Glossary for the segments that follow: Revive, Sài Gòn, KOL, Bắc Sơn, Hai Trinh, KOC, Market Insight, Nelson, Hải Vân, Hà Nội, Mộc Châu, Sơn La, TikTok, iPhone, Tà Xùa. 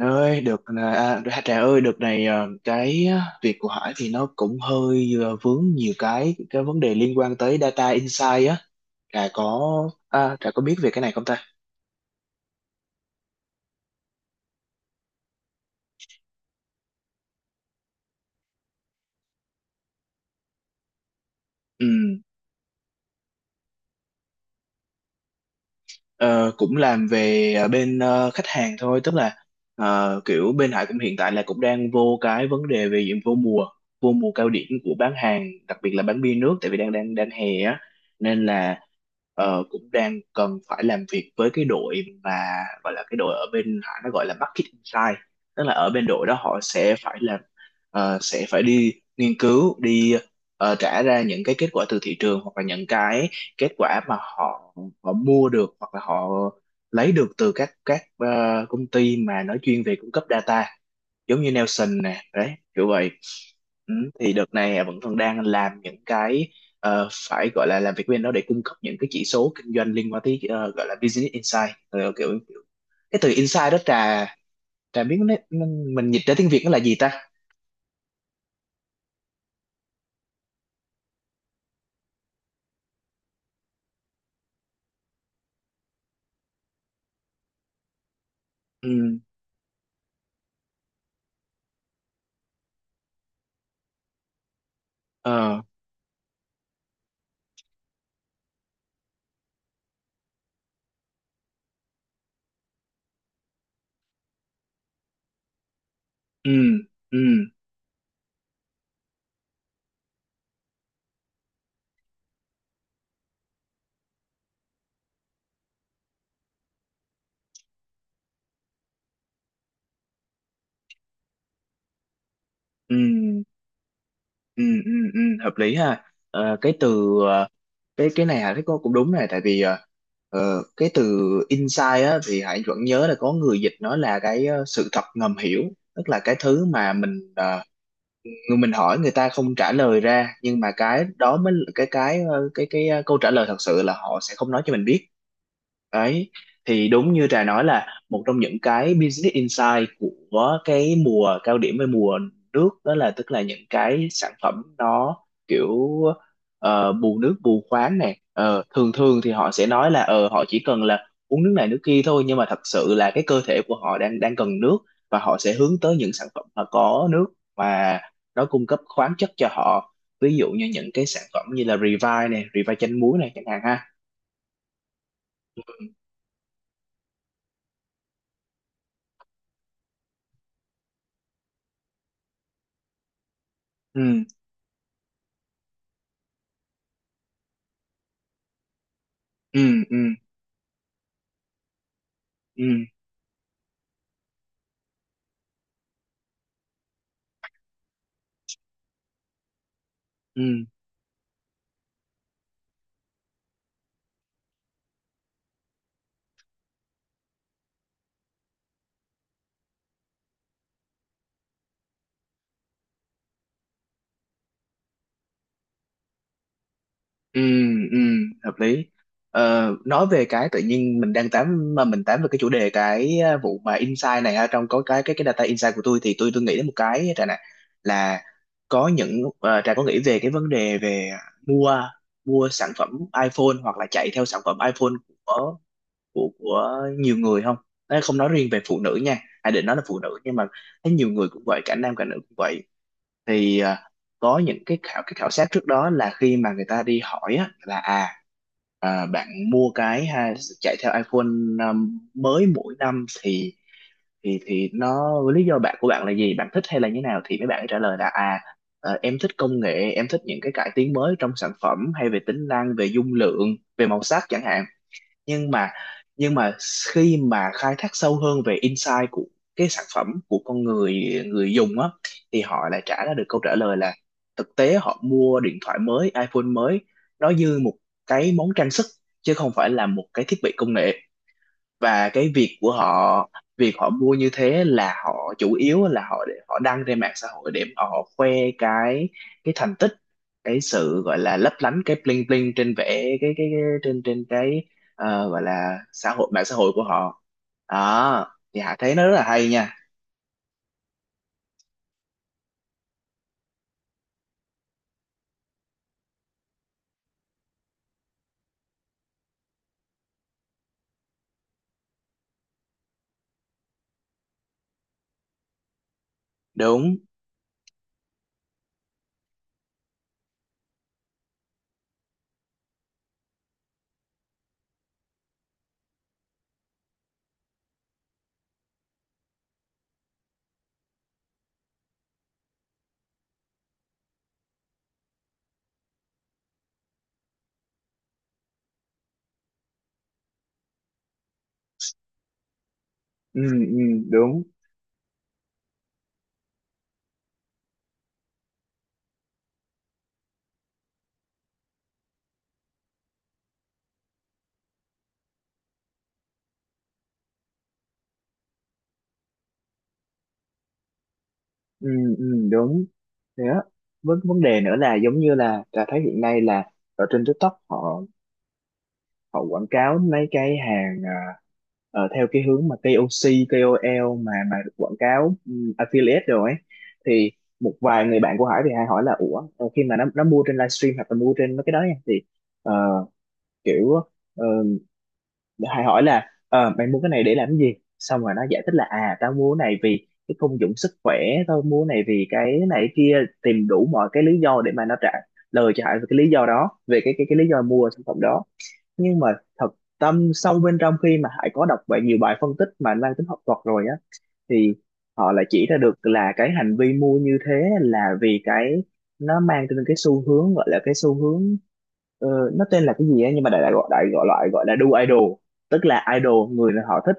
Ơi được à, à, Trà ơi được này, ờ, cái việc của Hải thì nó cũng hơi vướng nhiều cái vấn đề liên quan tới data insight á. Trà có, Trà có biết về cái này không ta? Ừ. Ờ, cũng làm về bên khách hàng thôi, tức là kiểu bên Hải cũng hiện tại là cũng đang vô cái vấn đề về diện vô mùa, vô mùa cao điểm của bán hàng, đặc biệt là bán bia nước tại vì đang đang đang hè á, nên là cũng đang cần phải làm việc với cái đội mà gọi là cái đội ở bên Hải nó gọi là Market Insight. Tức là ở bên đội đó họ sẽ phải làm, sẽ phải đi nghiên cứu, đi trả ra những cái kết quả từ thị trường hoặc là những cái kết quả mà họ, họ mua được hoặc là họ lấy được từ các công ty mà nói chuyên về cung cấp data, giống như Nelson nè đấy, kiểu vậy. Ừ, thì đợt này vẫn còn đang làm những cái, phải gọi là làm việc bên đó để cung cấp những cái chỉ số kinh doanh liên quan tới, gọi là business insight. Ờ, kiểu cái từ insight đó Trà, Trà biết nó, mình dịch ra tiếng Việt nó là gì ta? Ừ, ờ, ừ, ừ, ừ. Ừ, ừ, ừ, hợp lý ha. Ờ, cái từ cái này Hải thấy có cũng đúng này, tại vì cái từ insight á thì Hải vẫn nhớ là có người dịch nó là cái, sự thật ngầm hiểu, tức là cái thứ mà mình, người mình hỏi người ta không trả lời ra, nhưng mà cái đó mới là cái ờ, câu trả lời thật sự là họ sẽ không nói cho mình biết đấy. Thì đúng như Trà nói, là một trong những cái business insight của cái mùa cao điểm, với mùa nước đó, là tức là những cái sản phẩm nó kiểu, bù nước bù khoáng nè. Ờ, thường thường thì họ sẽ nói là ờ họ chỉ cần là uống nước này nước kia thôi, nhưng mà thật sự là cái cơ thể của họ đang đang cần nước, và họ sẽ hướng tới những sản phẩm mà có nước và nó cung cấp khoáng chất cho họ. Ví dụ như những cái sản phẩm như là Revive này, Revive chanh muối này chẳng hạn ha. Ừ, ừ, ừ, ừ, ừ, ừ, ừ, hợp lý. Ờ, nói về cái tự nhiên mình đang tám mà mình tám về cái chủ đề cái, vụ mà insight này ha, trong có cái data insight của tôi, thì tôi nghĩ đến một cái, Trà này, là có những, Trà có nghĩ về cái vấn đề về mua mua sản phẩm iPhone hoặc là chạy theo sản phẩm iPhone của, của nhiều người không? Đấy, không nói riêng về phụ nữ nha. Hải định nói là phụ nữ, nhưng mà thấy nhiều người cũng vậy, cả nam cả nữ cũng vậy. Thì à, có những cái khảo, cái khảo sát trước đó là khi mà người ta đi hỏi á, là à, à bạn mua cái ha, chạy theo iPhone à, mới mỗi năm thì, thì nó lý do bạn của bạn là gì, bạn thích hay là như nào, thì mấy bạn ấy trả lời là à, em thích công nghệ, em thích những cái cải tiến mới trong sản phẩm, hay về tính năng, về dung lượng, về màu sắc chẳng hạn. Nhưng mà nhưng mà khi mà khai thác sâu hơn về insight của cái sản phẩm của con người, người dùng á, thì họ lại trả ra được câu trả lời là thực tế họ mua điện thoại mới, iPhone mới nó như một cái món trang sức chứ không phải là một cái thiết bị công nghệ. Và cái việc của họ, việc họ mua như thế là họ chủ yếu là họ để họ đăng trên mạng xã hội để mà họ khoe cái cái thành tích, cái sự gọi là lấp lánh, cái bling bling trên vẻ cái cái trên trên cái, gọi là xã hội, mạng xã hội của họ. Đó thì Hạ thấy nó rất là hay nha. Đúng, ừ, ừ, đúng, ừ, ừ, đúng thế á. Vấn vấn đề nữa là giống như là Trà thấy hiện nay là ở trên TikTok họ, họ quảng cáo mấy cái hàng, à, theo cái hướng mà KOC, KOL mà được quảng cáo, affiliate rồi ấy. Thì một vài người bạn của Hải thì Hải hỏi là ủa, khi mà nó mua trên livestream hoặc là mua trên mấy cái đó nha, thì ờ, kiểu ờ, Hải hỏi là mày mua cái này để làm gì, xong rồi nó giải thích là à tao mua cái này vì cái công dụng sức khỏe, tao mua cái này vì cái này cái kia, tìm đủ mọi cái lý do để mà nó trả lời cho Hải về cái lý do đó, về cái lý do mua sản phẩm đó. Nhưng mà thật tâm sâu bên trong, khi mà Hải có đọc vậy nhiều bài phân tích mà mang tính học thuật rồi á, thì họ lại chỉ ra được là cái hành vi mua như thế là vì cái, nó mang trên cái xu hướng gọi là cái xu hướng, ờ, nó tên là cái gì á, nhưng mà đại đại gọi loại gọi là đu idol, tức là idol người họ thích.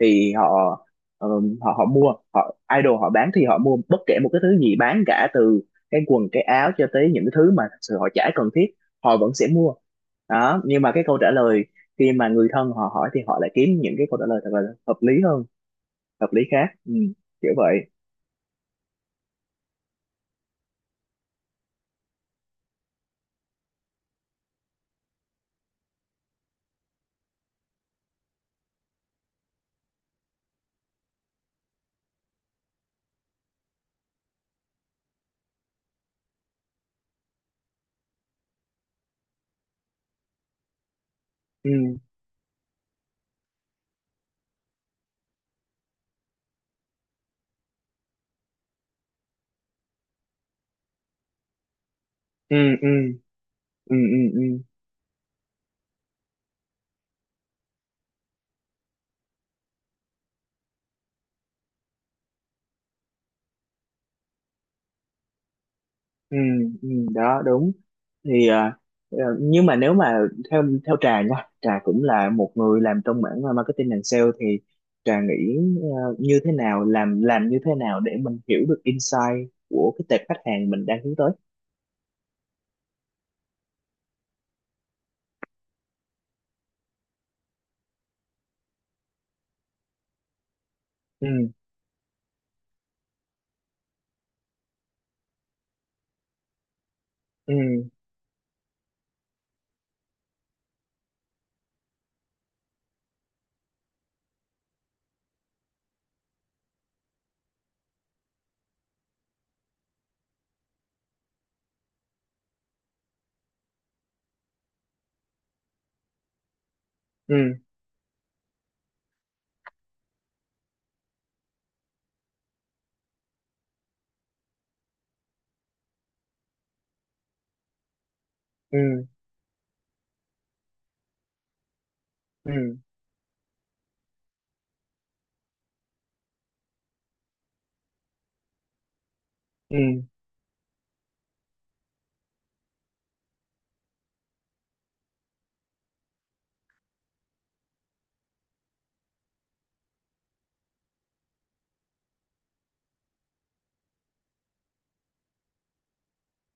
Thì họ, họ mua, họ idol họ bán thì họ mua bất kể một cái thứ gì bán, cả từ cái quần cái áo cho tới những cái thứ mà thật sự họ chả cần thiết họ vẫn sẽ mua. Đó, nhưng mà cái câu trả lời khi mà người thân họ hỏi thì họ lại kiếm những cái câu trả lời thật là hợp lý hơn, hợp lý khác, ừ, kiểu vậy. Ừ, ừ, ừ, ừ, ừ, ừ. Ừ, ừ, đó đúng. Thì à, nhưng mà nếu mà theo theo Trà nha, Trà cũng là một người làm trong mảng, marketing and sale, thì Trà nghĩ như thế nào, làm như thế nào để mình hiểu được insight của cái tệp khách hàng mình đang hướng tới? Ừ, ừ, ừ, ừ, ừ, ừ,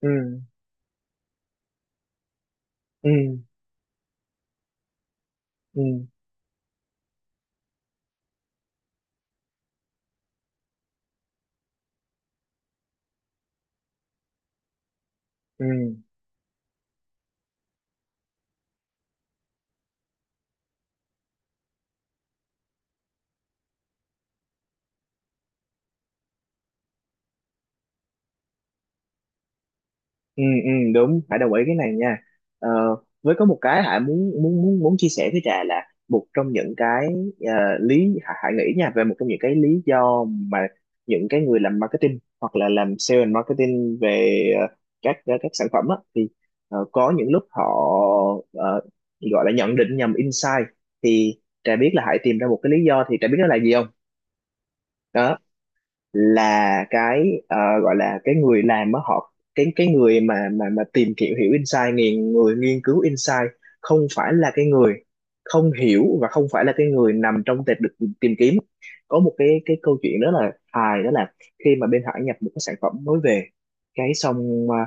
ừ, ừ, ừ, ừ, ừ, ừ, ừ, đúng, phải đồng ý cái này nha. Ờ, với có một cái Hải muốn muốn muốn muốn chia sẻ với Trà, là một trong những cái, ờ, lý, Hải Hải nghĩ nha, về một trong những cái lý do mà những cái người làm marketing hoặc là làm sale and marketing về, các sản phẩm á, thì có những lúc họ, ờ, gọi là nhận định nhầm insight. Thì Trà biết là Hải tìm ra một cái lý do, thì Trà biết nó là gì không? Đó là cái, gọi là cái người làm á, họ cái người mà mà tìm hiểu, hiểu insight, nghiền, người nghiên cứu insight không phải là cái người không hiểu, và không phải là cái người nằm trong tệp được tìm kiếm. Có một cái câu chuyện đó là hài, đó là khi mà bên Hải nhập một cái sản phẩm mới về, cái xong à,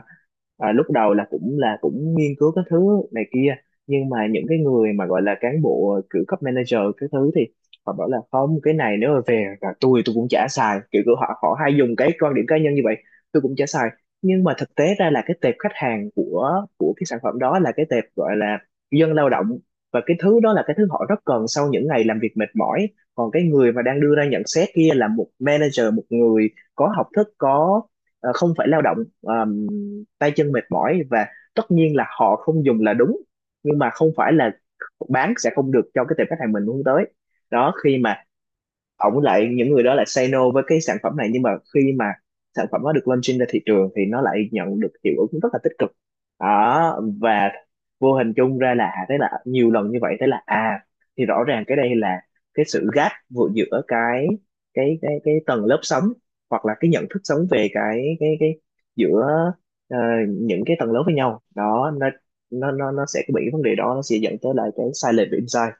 lúc đầu là cũng nghiên cứu cái thứ này kia, nhưng mà những cái người mà gọi là cán bộ kiểu cấp manager cái thứ, thì họ bảo là không, cái này nếu mà về là tôi cũng chả xài, kiểu của họ họ hay dùng cái quan điểm cá nhân như vậy, tôi cũng chả xài. Nhưng mà thực tế ra là cái tệp khách hàng của cái sản phẩm đó là cái tệp gọi là dân lao động, và cái thứ đó là cái thứ họ rất cần sau những ngày làm việc mệt mỏi. Còn cái người mà đang đưa ra nhận xét kia là một manager, một người có học thức, có, không phải lao động, tay chân mệt mỏi, và tất nhiên là họ không dùng là đúng, nhưng mà không phải là bán sẽ không được cho cái tệp khách hàng mình hướng tới. Đó, khi mà ổng, lại những người đó lại say no với cái sản phẩm này, nhưng mà khi mà sản phẩm nó được launching ra thị trường thì nó lại nhận được hiệu ứng rất là tích cực. Đó, và vô hình chung ra là à, thế là nhiều lần như vậy, thế là à thì rõ ràng cái đây là cái sự gap vừa giữa cái cái tầng lớp sống hoặc là cái nhận thức sống về cái giữa, ờ, những cái tầng lớp với nhau đó, nó nó sẽ bị vấn đề đó, nó sẽ dẫn tới lại cái sai lệch về insight.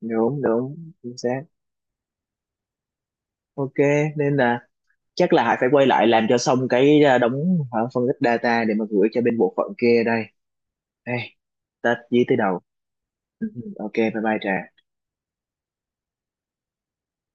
Đúng, đúng, chính xác. Ok, nên là chắc là Hải phải quay lại làm cho xong cái, đống, phân tích data để mà gửi cho bên bộ phận kia đây. Ê, tách dí tới đầu. Ừ, ừ, ok bye bye Trà.